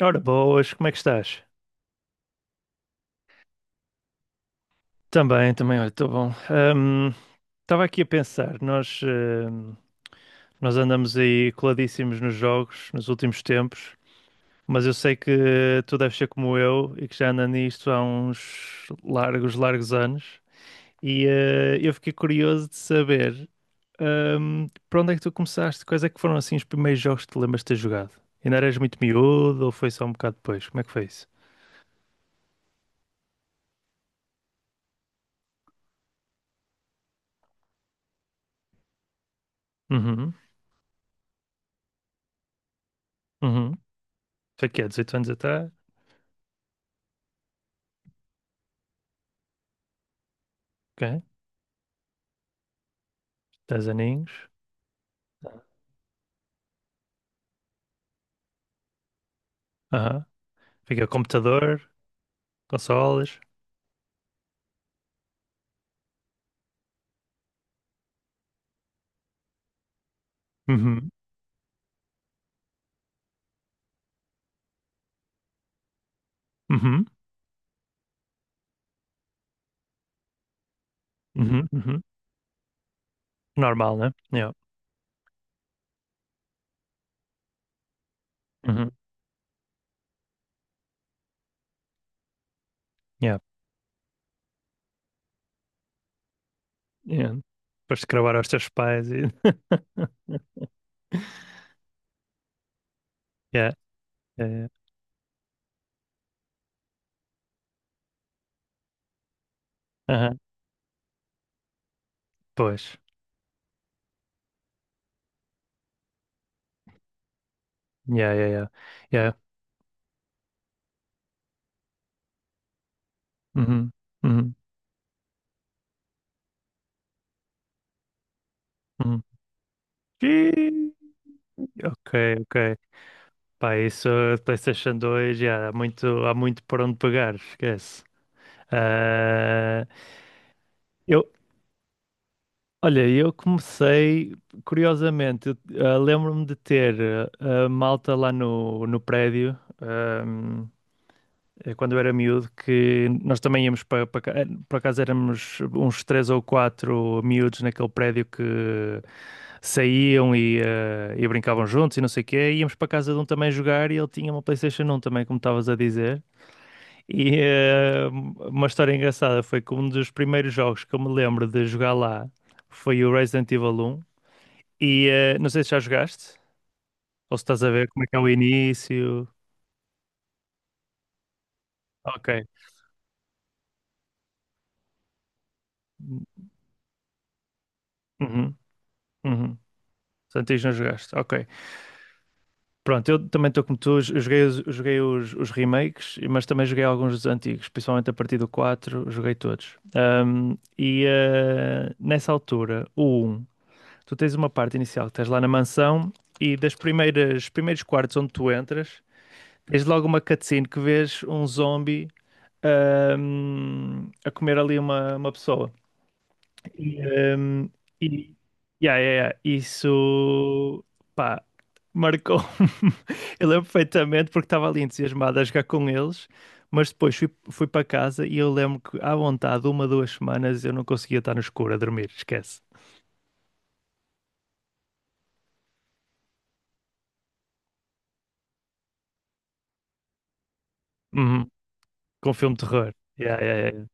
Ora, boas, como é que estás? Também, também, olha, estou bom. Estava aqui a pensar, nós andamos aí coladíssimos nos jogos nos últimos tempos, mas eu sei que tu deves ser como eu e que já anda nisto há uns largos, largos anos, e eu fiquei curioso de saber para onde é que tu começaste, quais é que foram assim os primeiros jogos que te lembras de ter jogado? Ainda eras muito miúdo ou foi só um bocado depois? Como é que foi isso? Uhum, uhum. Foi que é 18 anos até? Ok. 10 aninhos. Aham. Fica computador, consoles. Uhum. Uhum. Uhum. Uhum. Normal, né? Yeah. Uhum. Yeah. Yeah. Depois de cravar aos teus pais e. Yeah. Yeah, yeah. Aham. Pois. Yeah, yeah, yeah. Yeah. Uhum. Uhum. Uhum. Ih, ok, ok. Pá, isso. PlayStation dois, yeah, há muito por onde pegar, esquece. Ah, eu, olha, eu comecei, curiosamente, lembro-me de a malta lá no prédio, quando eu era miúdo, que nós também íamos por acaso éramos uns três ou quatro miúdos naquele prédio que saíam e, ah, e brincavam juntos e não sei o quê, e íamos para a casa de um também jogar e ele tinha uma PlayStation 1 também, como estavas a dizer. E uma história engraçada foi que um dos primeiros jogos que eu me lembro de jogar lá foi o Resident Evil 1. E não sei se já jogaste, ou se estás a ver como é que é o início. Ok. Uhum, uhum. Portanto, não jogaste. Ok. Pronto, eu também estou como tu, eu joguei os remakes, mas também joguei alguns dos antigos, principalmente a partir do 4 joguei todos. E nessa altura, o 1, tu tens uma parte inicial que estás lá na mansão e das primeiras primeiros quartos onde tu entras, tens logo uma cutscene que vês um zombie a comer ali uma pessoa. E, ahm, e yeah, yeah, yeah, isso. Pá, marcou-me. Eu lembro perfeitamente porque estava ali entusiasmado a jogar com eles. Mas depois fui para casa e eu lembro que, à vontade, uma, 2 semanas eu não conseguia estar no escuro a dormir, esquece. Uhum. Com filme de terror. Yeah, yeah, yeah, yeah.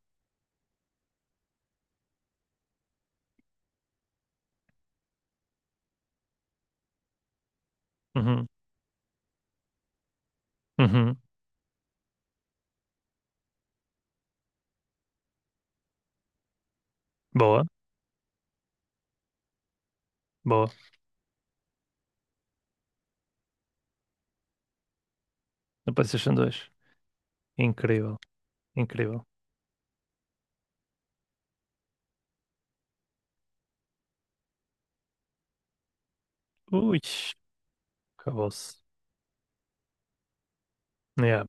Uhum, uhum. Boa, boa. Na PlayStation dois. Incrível, incrível. Ui, acabou-se. Yeah.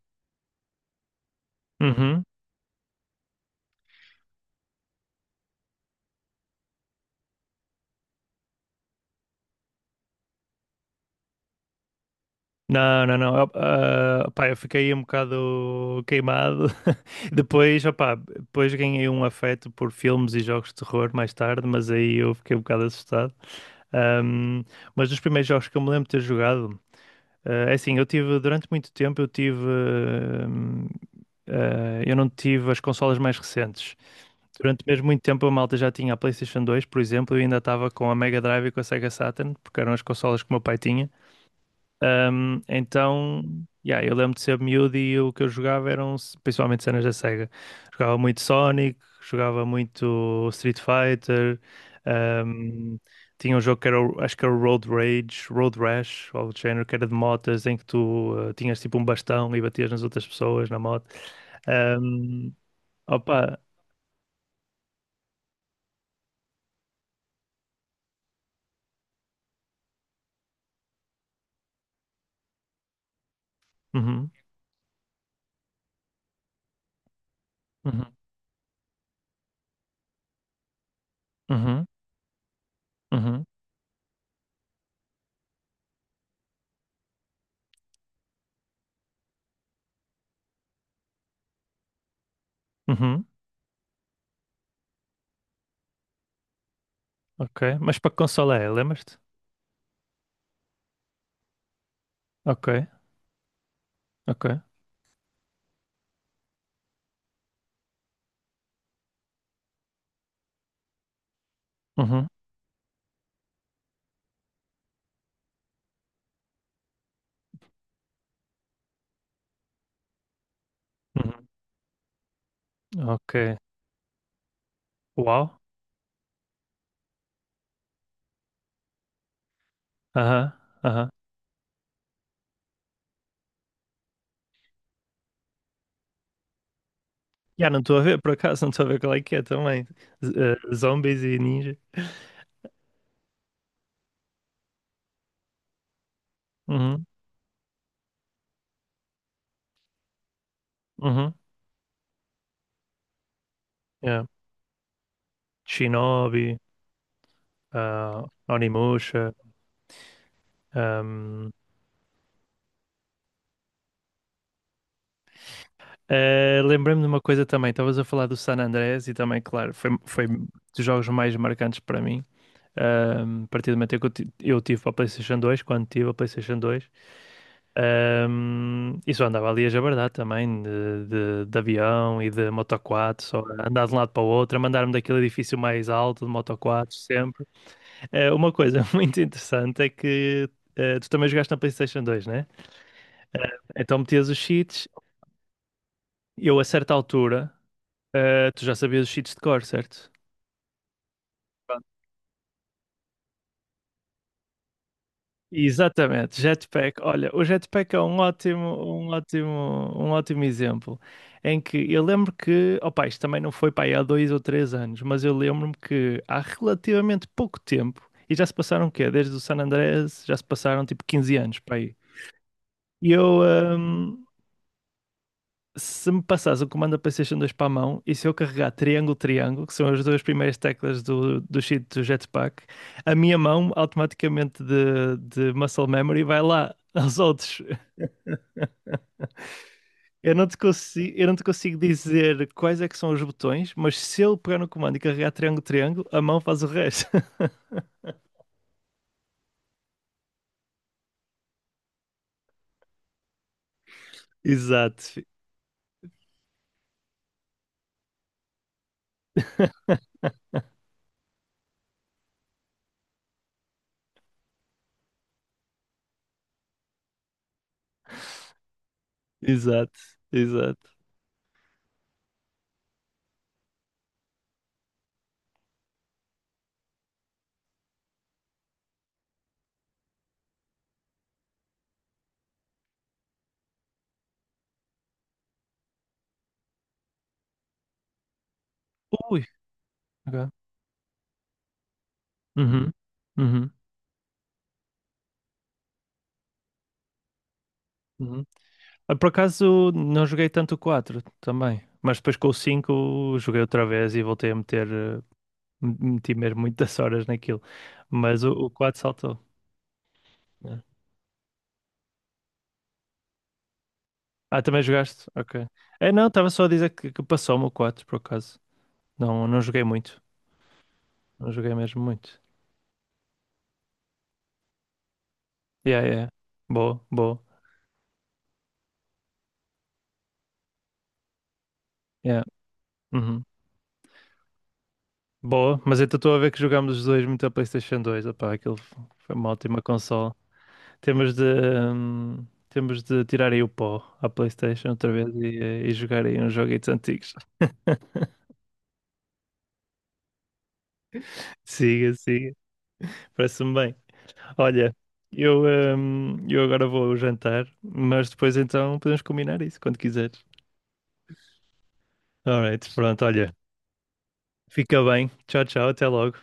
Uhum. Não, não, não. Eu, ah, pá, eu fiquei um bocado queimado. Depois, opá, depois ganhei um afeto por filmes e jogos de terror mais tarde, mas aí eu fiquei um bocado assustado. Ahm, mas dos primeiros jogos que eu me lembro de ter jogado, ah, é assim, eu tive, durante muito tempo, eu tive. ahm, eu não tive as consolas mais recentes. Durante mesmo muito tempo a malta já tinha a PlayStation 2, por exemplo, e ainda estava com a Mega Drive e com a Sega Saturn, porque eram as consolas que o meu pai tinha. Então, yeah, eu lembro de ser miúdo e o que eu jogava eram principalmente cenas da Sega. Jogava muito Sonic, jogava muito Street Fighter, ahm, tinha um jogo que era, acho que era o Road Rage, Road Rash, ou algo do género, que era de motas, em que tu tinhas tipo um bastão e batias nas outras pessoas na moto. Ahm, Opa! Uhum, uhum, uhum. Uhum, uhum, ok. Mas para que consola é? Lembras-te? Ok, ok. Uhum, uhum, ok. Uau. Aham, aham. Já não estou a ver, por acaso, não estou a ver qual é que é também. Zombies e ninja. Uhum, uhum, yeah. Shinobi, Onimusha. ahm. Lembrei-me de uma coisa também. Estavas a falar do San Andreas e também, claro, foi dos jogos mais marcantes para mim. A partir do momento em que eu tive a PlayStation dois quando tive a PlayStation dois. E só andava ali a jabardar também, de avião e de moto 4, só a andar de um lado para o outro, a mandar-me daquele edifício mais alto de moto 4, sempre. Uma coisa muito interessante é que tu também jogaste na PlayStation 2, né? Então metias os cheats, eu a certa altura, eh, tu já sabias os cheats de cor, certo? Exatamente, Jetpack. Olha, o Jetpack é um ótimo, um ótimo, um ótimo exemplo. Em que eu lembro que, opa, isto também não foi para aí há 2 ou 3 anos, mas eu lembro-me que há relativamente pouco tempo, e já se passaram o quê? Desde o San Andreas, já se passaram tipo 15 anos para aí. E eu, hum, Se me passares o comando da PlayStation 2 para a mão e se eu carregar triângulo, triângulo, que são as duas primeiras teclas do cheat do Jetpack, a minha mão automaticamente de muscle memory vai lá aos outros. Eu não te consigo, eu não te consigo dizer quais é que são os botões, mas se eu pegar no comando e carregar triângulo, triângulo, a mão faz o resto. Exato, exato, exato. Ui, ok. Uhum, uhum, uhum. Ah, por acaso não joguei tanto o 4 também, mas depois com o cinco joguei outra vez e voltei a meter, eh, meti mesmo muitas horas naquilo. Mas o 4 saltou, né? Ah, também jogaste? Ok. É, não, estava só a dizer que, passou-me o 4 por acaso. Não, não joguei muito. Não joguei mesmo muito. Yeah, yeah. Boa, boa. Yeah. Uhum. Boa, mas então estou a ver que jogámos os dois muito a PlayStation dois. Opá, aquilo foi uma ótima consola. Temos de tirar aí o pó à PlayStation outra vez e, e jogar aí uns joguitos antigos. Siga, siga. Parece-me bem. Olha, eu agora vou jantar, mas depois então podemos combinar isso quando quiseres. Alright, pronto, olha. Fica bem. Tchau, tchau. Até logo.